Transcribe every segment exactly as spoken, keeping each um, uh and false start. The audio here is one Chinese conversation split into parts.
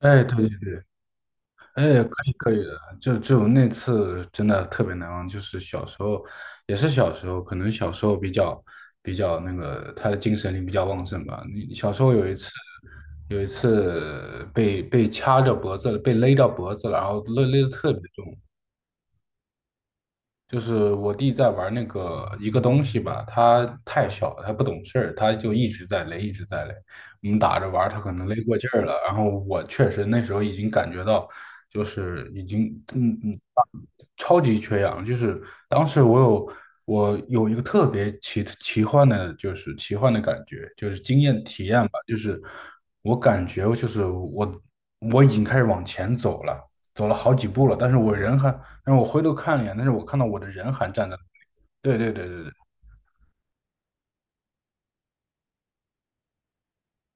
哎，对对对。哎，可以可以的。就就那次真的特别难忘，就是小时候，也是小时候，可能小时候比较比较那个，他的精神力比较旺盛吧。你小时候有一次，有一次被被掐着脖子了，被勒到脖子了，然后勒勒得特别重。就是我弟在玩那个一个东西吧，他太小了，他不懂事儿，他就一直在勒，一直在勒。我们打着玩儿，他可能勒过劲儿了。然后我确实那时候已经感觉到，就是已经嗯超级缺氧，就是当时我有，我有一个特别奇奇幻的，就是奇幻的感觉，就是经验体验吧。就是我感觉就是我我已经开始往前走了，走了好几步了，但是我人还，但是我回头看了一眼，但是我看到我的人还站在那里。对对对对对。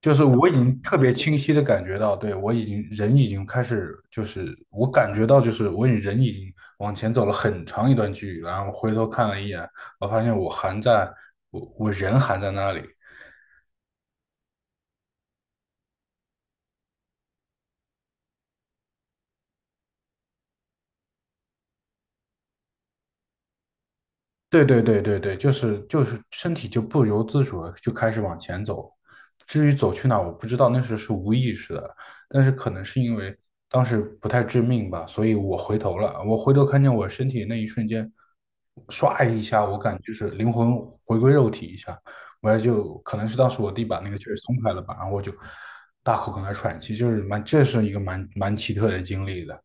就是我已经特别清晰的感觉到，对，我已经人已经开始，就是我感觉到，就是我已经人已经往前走了很长一段距离了，然后回头看了一眼，我发现我还在，我我人还在那里。对对对对对，就是就是身体就不由自主的就开始往前走，至于走去哪儿我不知道，那时候是无意识的。但是可能是因为当时不太致命吧，所以我回头了，我回头看见我身体那一瞬间，唰一下，我感觉就是灵魂回归肉体一下。我就可能是当时我弟把那个劲儿松开了吧，然后我就大口跟那喘气。就是蛮，这是一个蛮蛮奇特的经历的。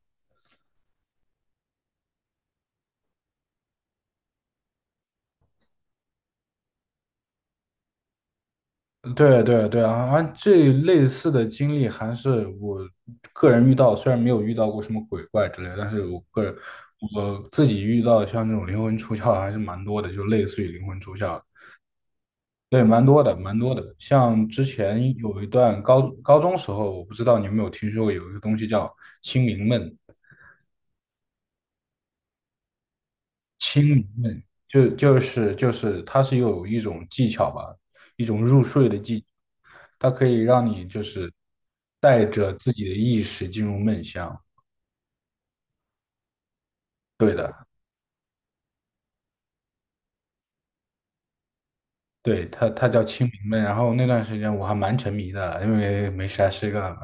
对对对啊。啊，这类似的经历还是我个人遇到，虽然没有遇到过什么鬼怪之类的，但是我个人，我自己遇到像这种灵魂出窍还是蛮多的，就类似于灵魂出窍。对，蛮多的，蛮多的。像之前有一段高高中时候，我不知道你有没有听说过有一个东西叫清明梦。清明梦就就是就是它是有一种技巧吧，一种入睡的技巧，它可以让你就是带着自己的意识进入梦乡。对的。对，它它叫清明梦。然后那段时间我还蛮沉迷的，因为没啥事干嘛。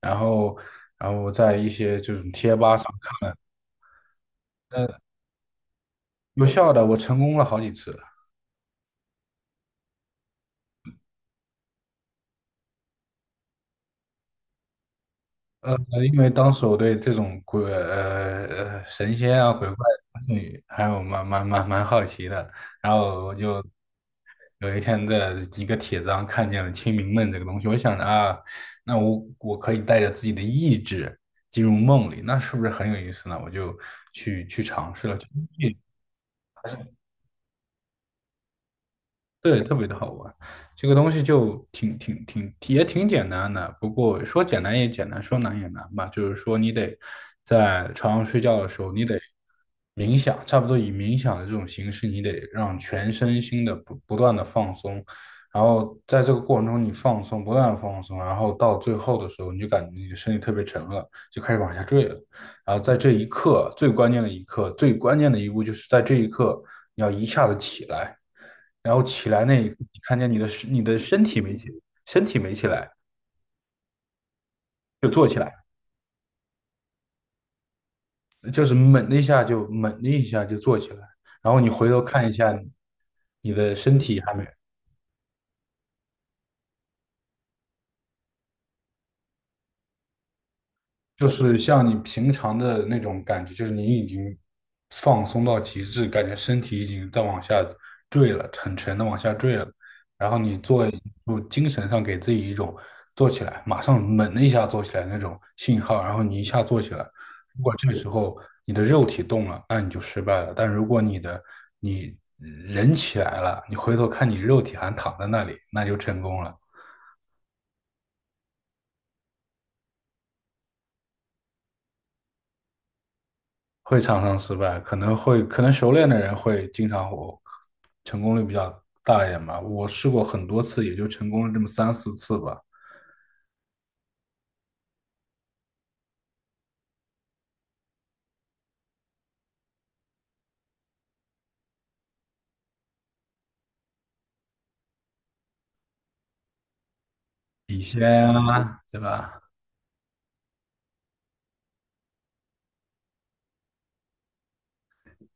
然后然后我在一些这种贴吧上。呃，有效的，我成功了好几次。呃，因为当时我对这种鬼呃呃神仙啊、鬼怪、东西还有蛮蛮蛮蛮好奇的，然后我就有一天在一个帖子上看见了清明梦这个东西。我想着啊，那我我可以带着自己的意志进入梦里，那是不是很有意思呢？我就去去尝试了。对，特别的好玩。这个东西就挺挺挺也挺简单的，不过说简单也简单，说难也难吧。就是说，你得在床上睡觉的时候，你得冥想，差不多以冥想的这种形式，你得让全身心的不不断的放松，然后在这个过程中你放松，不断的放松，然后到最后的时候，你就感觉你的身体特别沉了，就开始往下坠了。然后在这一刻，最关键的一刻，最关键的一步就是在这一刻，你要一下子起来。然后起来那一刻，你看见你的身你的身体没起，身体没起来。就坐起来，就是猛的一下就猛的一下就坐起来，然后你回头看一下，你的身体还没，就是像你平常的那种感觉，就是你已经放松到极致，感觉身体已经在往下坠了，很沉的往下坠了。然后你做一，就精神上给自己一种做起来，马上猛的一下做起来那种信号，然后你一下做起来。如果这时候你的肉体动了，那你就失败了。但如果你的，你人起来了，你回头看你肉体还躺在那里，那就成功了。会常常失败，可能会可能熟练的人会经常，我成功率比较大一点吧。我试过很多次，也就成功了这么三四次吧。笔仙啊，对吧？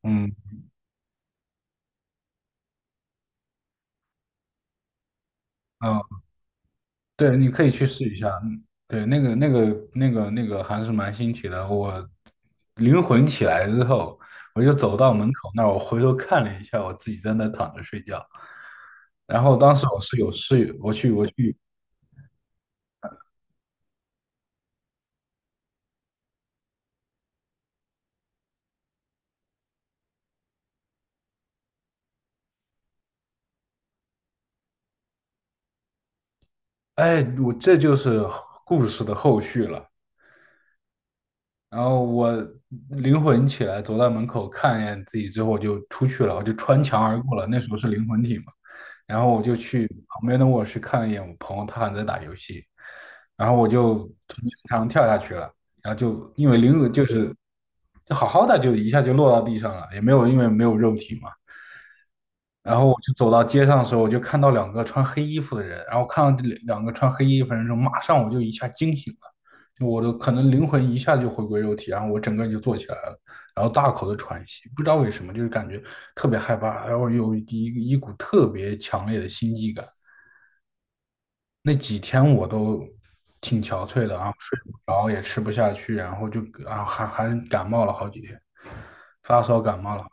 嗯嗯，对，你可以去试一下。嗯对，那个那个那个那个还是蛮新奇的。我灵魂起来之后，我就走到门口那儿，我回头看了一下，我自己在那躺着睡觉。然后当时我是有室友，我去我去，哎，我这就是故事的后续了。然后我灵魂起来，走到门口看一眼自己之后，我就出去了，我就穿墙而过了。那时候是灵魂体嘛，然后我就去旁边的卧室看了一眼我朋友，他还在打游戏，然后我就从墙跳下去了。然后就因为灵魂就是，就好好的就一下就落到地上了，也没有，因为没有肉体嘛。然后我就走到街上的时候，我就看到两个穿黑衣服的人，然后看到这两两个穿黑衣服的人之后，马上我就一下惊醒了。就我的可能灵魂一下就回归肉体，然后我整个人就坐起来了，然后大口的喘息，不知道为什么，就是感觉特别害怕，然后有一一股特别强烈的心悸感。那几天我都挺憔悴的啊，睡不着，也吃不下去，然后就啊还还感冒了好几天，发烧感冒了。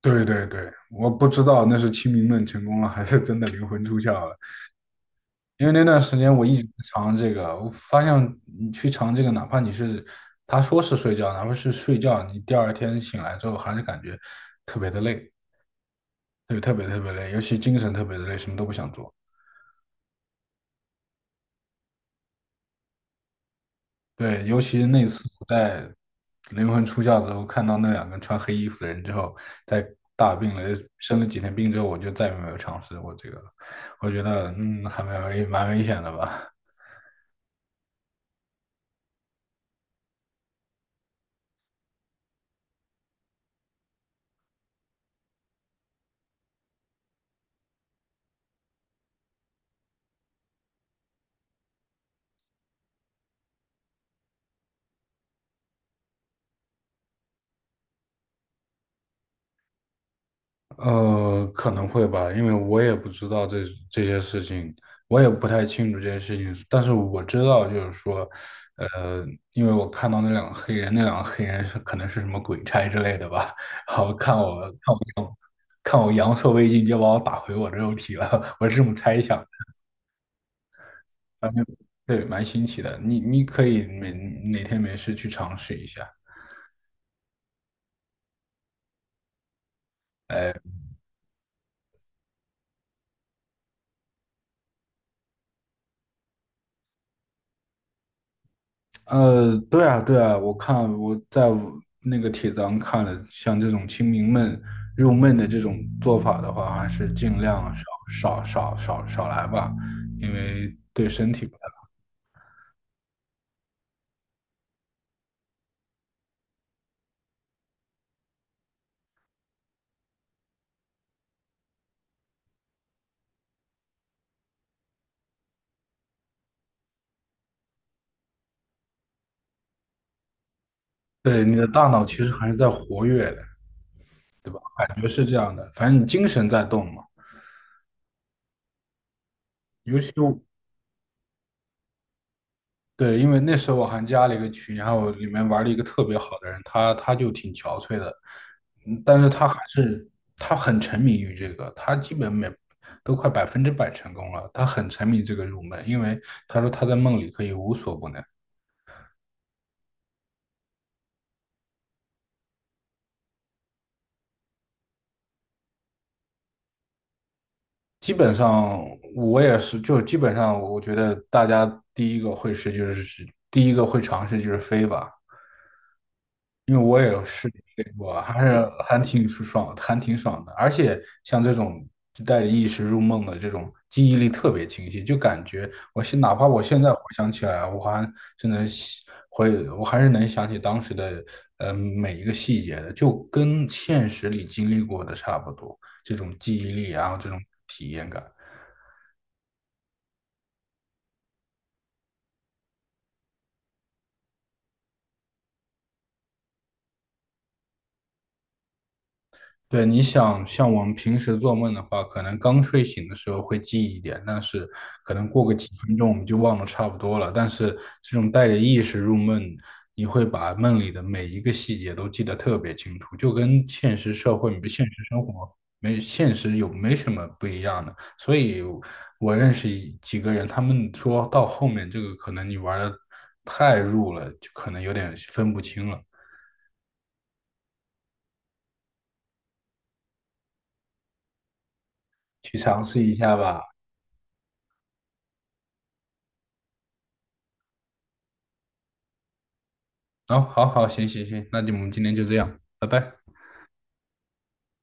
对对对，我不知道那是清明梦成功了，还是真的灵魂出窍了。因为那段时间我一直在尝这个，我发现你去尝这个，哪怕你是，他说是睡觉，哪怕是睡觉，你第二天醒来之后还是感觉特别的累。对，特别特别累，尤其精神特别的累，什么都不想做。对，尤其那次我在灵魂出窍之后，看到那两个穿黑衣服的人之后，在大病了，生了几天病之后，我就再也没有尝试过这个了。我觉得，嗯，还蛮危蛮危险的吧。呃，可能会吧，因为我也不知道这这些事情，我也不太清楚这些事情。但是我知道，就是说，呃，因为我看到那两个黑人，那两个黑人是可能是什么鬼差之类的吧，然后看我看我阳看我阳寿未尽，就把我打回我的肉体了，我是这么猜想的。反正对，蛮新奇的，你你可以每哪天没事去尝试一下。哎。呃，对啊，对啊，我看我在那个帖子上看了，像这种清明闷入闷的这种做法的话，还是尽量少少少少少来吧，因为对身体不太。对你的大脑其实还是在活跃的，感觉是这样的，反正你精神在动嘛。尤其对，因为那时候我还加了一个群，然后我里面玩了一个特别好的人，他他就挺憔悴的。嗯，但是他还是，他很沉迷于这个，他基本每都快百分之百成功了，他很沉迷这个入门，因为他说他在梦里可以无所不能。基本上我也是，就基本上我觉得大家第一个会是就是第一个会尝试就是飞吧，因为我也有试睡过，还是还挺舒爽，还挺爽的。而且像这种就带着意识入梦的这种，记忆力特别清晰，就感觉我现哪怕我现在回想起来，我还真的会，回，我还是能想起当时的呃每一个细节的，就跟现实里经历过的差不多。这种记忆力啊，然后这种体验感。对，你想像我们平时做梦的话，可能刚睡醒的时候会记忆一点，但是可能过个几分钟我们就忘得差不多了。但是这种带着意识入梦，你会把梦里的每一个细节都记得特别清楚，就跟现实社会、现实生活没现实有没什么不一样的。所以我认识一几个人，他们说到后面这个可能你玩的太入了，就可能有点分不清了，去尝试一下吧。哦，好好，行行行，那就我们今天就这样，拜拜。